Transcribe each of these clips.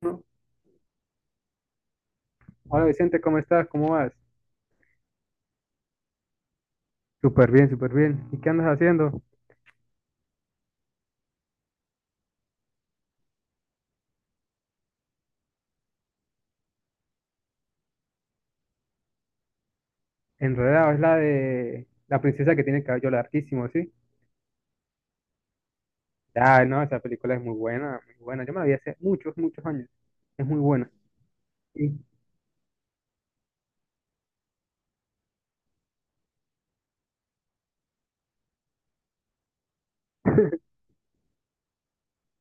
¿No? Hola Vicente, ¿cómo estás? ¿Cómo vas? Súper bien, súper bien. ¿Y qué andas haciendo? Enredado, es la de la princesa que tiene el cabello larguísimo, ¿sí? Ah, no, esa película es muy buena, muy buena. Yo me la vi hace muchos, muchos años. Es muy buena. Sí.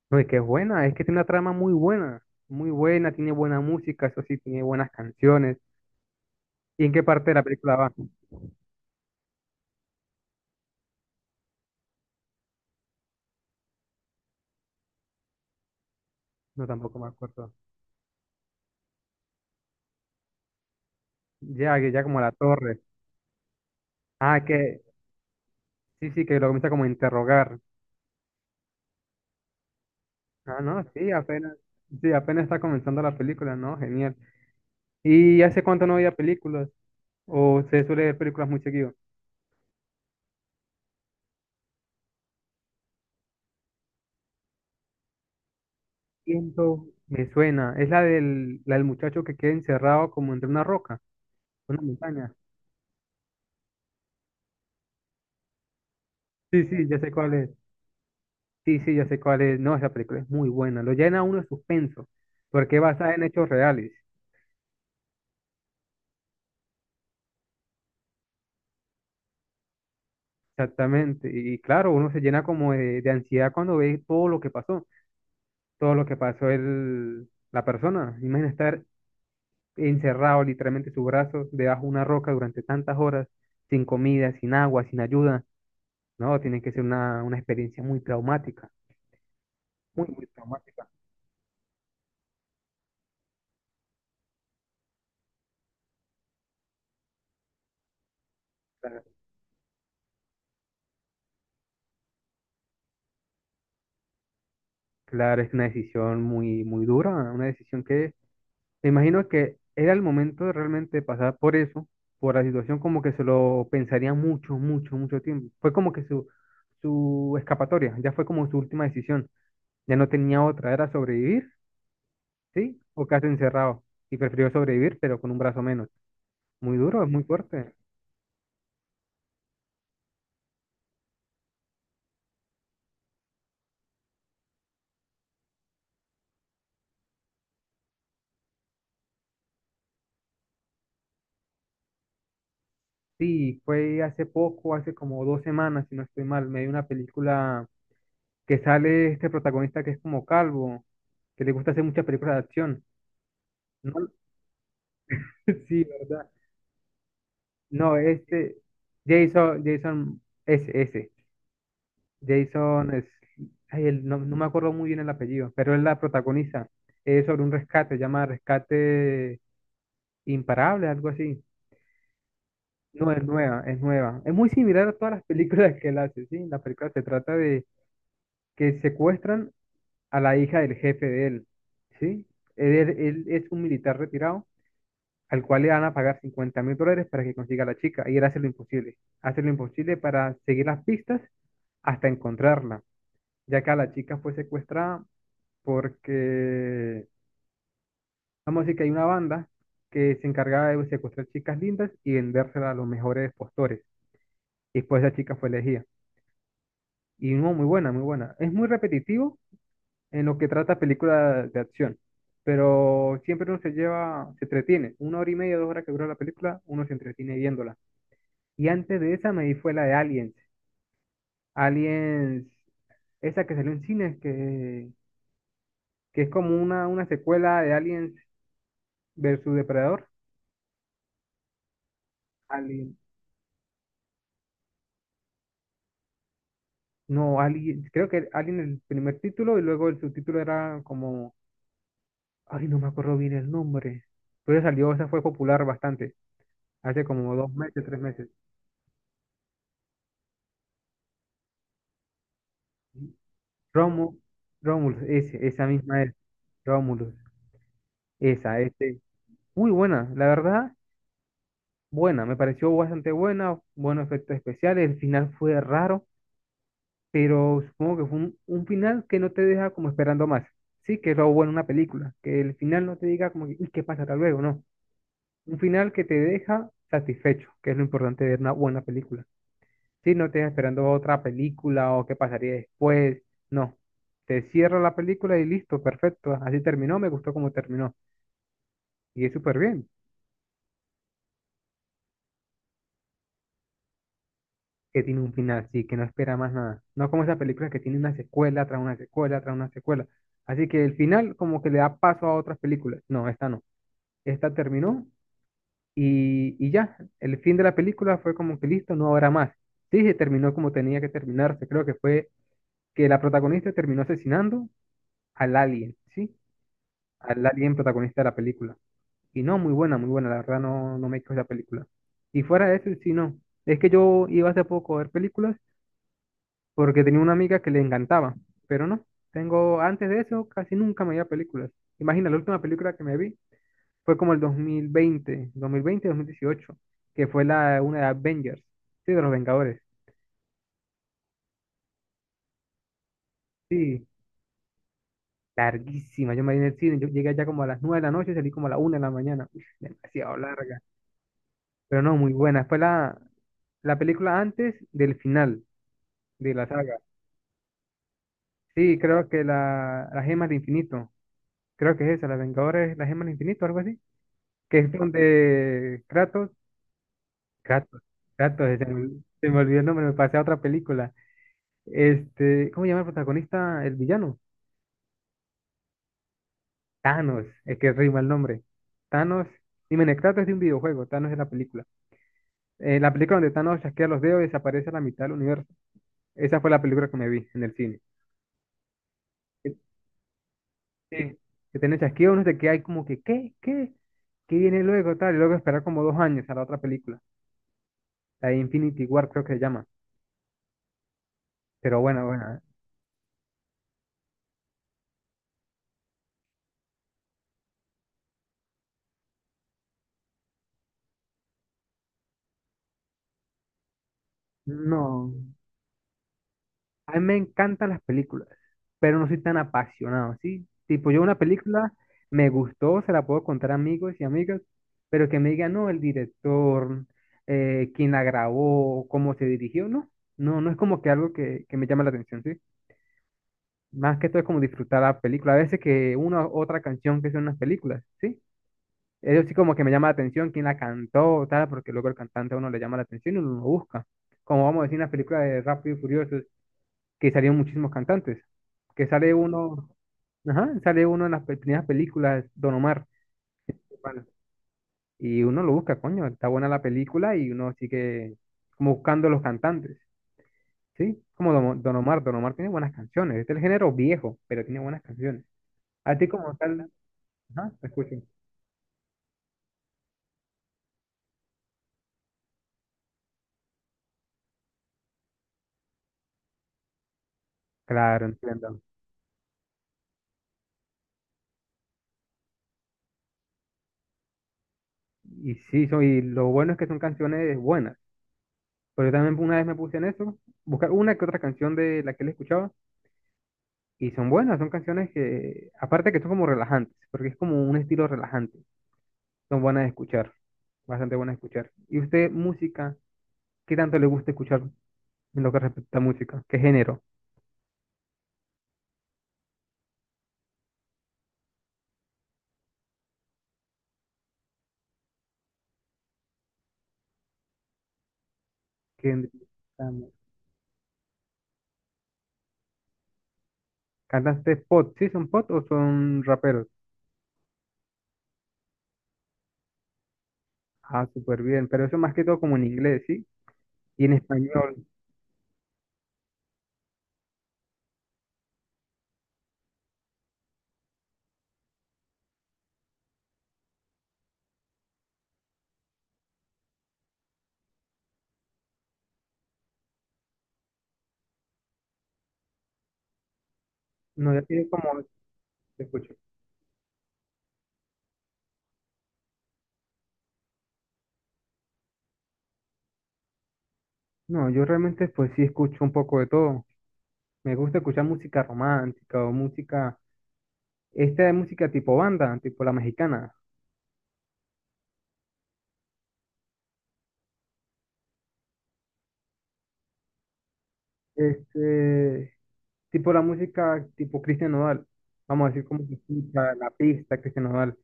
No, es que es buena, es que tiene una trama muy buena, tiene buena música, eso sí, tiene buenas canciones. ¿Y en qué parte de la película va? No, tampoco me acuerdo. Ya, que ya como a la torre. Ah, que sí, sí, que lo comienza como a interrogar. Ah, no, sí, apenas está comenzando la película, ¿no? Genial. ¿Y hace cuánto no veía películas? ¿O se suele ver películas muy seguido? Siento, me suena. Es la del muchacho que queda encerrado como entre una roca, una montaña. Sí, sí, ya sé cuál es. Sí, sí, ya sé cuál es. No, esa película es muy buena. Lo llena a uno de suspenso, porque es basada en hechos reales. Exactamente. Y claro, uno se llena como de, ansiedad cuando ve todo lo que pasó, todo lo que pasó la persona. Imagina estar encerrado literalmente sus brazos debajo de una roca durante tantas horas, sin comida, sin agua, sin ayuda. No, tiene que ser una experiencia muy traumática, muy, muy traumática. Claro. Claro, es una decisión muy, muy dura, una decisión que me imagino que era el momento de realmente pasar por eso, por la situación como que se lo pensaría mucho, mucho, mucho tiempo. Fue como que su escapatoria, ya fue como su última decisión, ya no tenía otra, era sobrevivir, ¿sí? O quedarse encerrado y prefirió sobrevivir, pero con un brazo menos. Muy duro, es muy fuerte. Sí, fue hace poco, hace como 2 semanas, si no estoy mal, me vi una película que sale este protagonista que es como calvo, que le gusta hacer muchas películas de acción. No, sí, ¿verdad? No, este, Jason, Jason, ese, Jason es, ay, no, no me acuerdo muy bien el apellido, pero es la protagonista. Es sobre un rescate, se llama Rescate Imparable, algo así. No, es nueva, es nueva. Es muy similar a todas las películas que él hace, sí. La película se trata de que secuestran a la hija del jefe de él, ¿sí? Él es un militar retirado al cual le van a pagar $50.000 para que consiga a la chica y él hace lo imposible para seguir las pistas hasta encontrarla, ya que a la chica fue secuestrada porque, vamos a decir que hay una banda que se encargaba de secuestrar chicas lindas y vendérselas a los mejores postores, y después esa chica fue elegida. Y no, muy buena, muy buena. Es muy repetitivo, en lo que trata películas de acción. Pero siempre uno se lleva, se entretiene. Una hora y media, 2 horas que dura la película, uno se entretiene viéndola. Y antes de esa me di fue la de Aliens. Aliens, esa que salió en cines, que es como una secuela de Aliens versus Depredador. Alien, no, Alien, creo que Alien el primer título y luego el subtítulo era como, ay, no me acuerdo bien el nombre. Pero salió, esa fue popular bastante, hace como 2 meses, 3 meses. Rómulo, Rómulo, ese, esa misma es. Rómulo, esa, este. Muy buena, la verdad, buena, me pareció bastante buena, buenos efectos especiales, el final fue raro, pero supongo que fue un, final que no te deja como esperando más. Sí, que es lo bueno en una película, que el final no te diga como, que, ¿y qué pasará luego? No, un final que te deja satisfecho, que es lo importante de una buena película. Sí, no te estás esperando otra película o qué pasaría después. No. Te cierra la película y listo, perfecto. Así terminó, me gustó cómo terminó. Y es súper bien que tiene un final, sí, que no espera más nada. No como esa película que tiene una secuela tras una secuela tras una secuela. Así que el final como que le da paso a otras películas. No, esta no. Esta terminó y ya. El fin de la película fue como que listo, no habrá más. Sí, se terminó como tenía que terminarse. Creo que fue que la protagonista terminó asesinando al alien, ¿sí? Al alien protagonista de la película. Y no, muy buena, la verdad no, no me quejo de la película. Y fuera de eso, sí, no. Es que yo iba hace poco a ver películas porque tenía una amiga que le encantaba, pero no, tengo, antes de eso casi nunca me iba a películas. Imagina, la última película que me vi fue como el dos dos mil mil veinte dos mil veinte 2018 que fue la, una de Avengers, sí, de los Vengadores. Sí, larguísima, yo me vi en el cine, yo llegué allá como a las 9 de la noche y salí como a la 1 de la mañana. Uf, demasiado larga, pero no, muy buena. La película antes del final de la saga. Sí, creo que la, Gema del Infinito. Creo que es esa, la Vengadores, la Gema del Infinito, algo así. Que es donde Kratos, Kratos, Kratos, se me olvidó el nombre, me pasé a otra película. Este, ¿cómo se llama el protagonista? El villano. Thanos, es que rima el nombre. Thanos, dime, Kratos es de un videojuego, Thanos es la película. La película donde Thanos chasquea los dedos y desaparece a la mitad del universo. Esa fue la película que me vi en el cine. Sí, que tiene chasquido, uno se queda ahí como que, ¿qué? ¿Qué? ¿Qué viene luego? Tal, y luego esperar como 2 años a la otra película, la de Infinity War creo que se llama. Pero bueno, bueno, ¿eh? No. A mí me encantan las películas, pero no soy tan apasionado, ¿sí? Tipo, yo una película me gustó, se la puedo contar a amigos y amigas, pero que me digan, no, el director, quién la grabó, cómo se dirigió, no. No, no es como que algo que, me llama la atención, ¿sí? Más que todo es como disfrutar la película. A veces que una u otra canción que son unas películas, ¿sí? Eso sí como que me llama la atención quién la cantó o tal, porque luego el cantante a uno le llama la atención y uno lo busca. Como vamos a decir en las películas de Rápido y Furioso, que salieron muchísimos cantantes. Que sale uno, ajá, sale uno en las primeras películas, Don Omar. Bueno, y uno lo busca, coño, está buena la película y uno sigue como buscando los cantantes, ¿sí? Como Don Omar, Don Omar tiene buenas canciones. Este es el género viejo, pero tiene buenas canciones. A ti como tal. Ajá, te escucho. Claro, entiendo. Y sí, son, y lo bueno es que son canciones buenas. Pero yo también una vez me puse en eso, buscar una que otra canción de la que él escuchaba, y son buenas, son canciones que, aparte que, son como relajantes, porque es como un estilo relajante, son buenas de escuchar, bastante buenas de escuchar. ¿Y usted, música, qué tanto le gusta escuchar en lo que respecta a música? ¿Qué género? ¿Qué, ¿Cantantes pop? ¿Sí son pop o son raperos? Ah, súper bien, pero eso más que todo como en inglés, ¿sí? Y en español. No, yo sí como te escucho. No, yo realmente pues sí escucho un poco de todo. Me gusta escuchar música romántica o música, esta es música tipo banda, tipo la mexicana. Este, tipo la música tipo Cristian Nodal. Vamos a decir como que escucha la pista Cristian Nodal.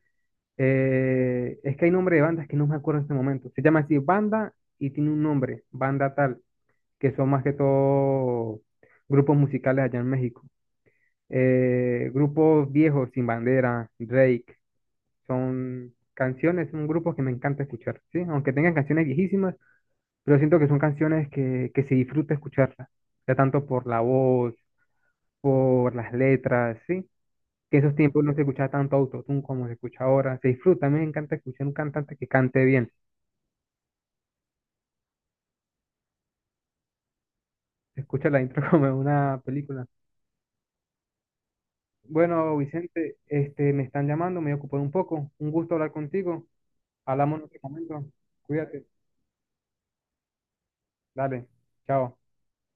Es que hay nombre de bandas que no me acuerdo en este momento. Se llama así banda y tiene un nombre, banda tal, que son más que todo grupos musicales allá en México. Grupos viejos, Sin Bandera, Drake. Son canciones, un grupo que me encanta escuchar, ¿sí? Aunque tengan canciones viejísimas, pero siento que son canciones que se disfruta escucharlas, ya tanto por la voz, por las letras, ¿sí? Que en esos tiempos no se escuchaba tanto autotune como se escucha ahora, se disfruta, a mí me encanta escuchar un cantante que cante bien, se escucha la intro como en una película. Bueno, Vicente, este, me están llamando, me he ocupado un poco, un gusto hablar contigo, hablamos en otro momento, cuídate, dale, chao.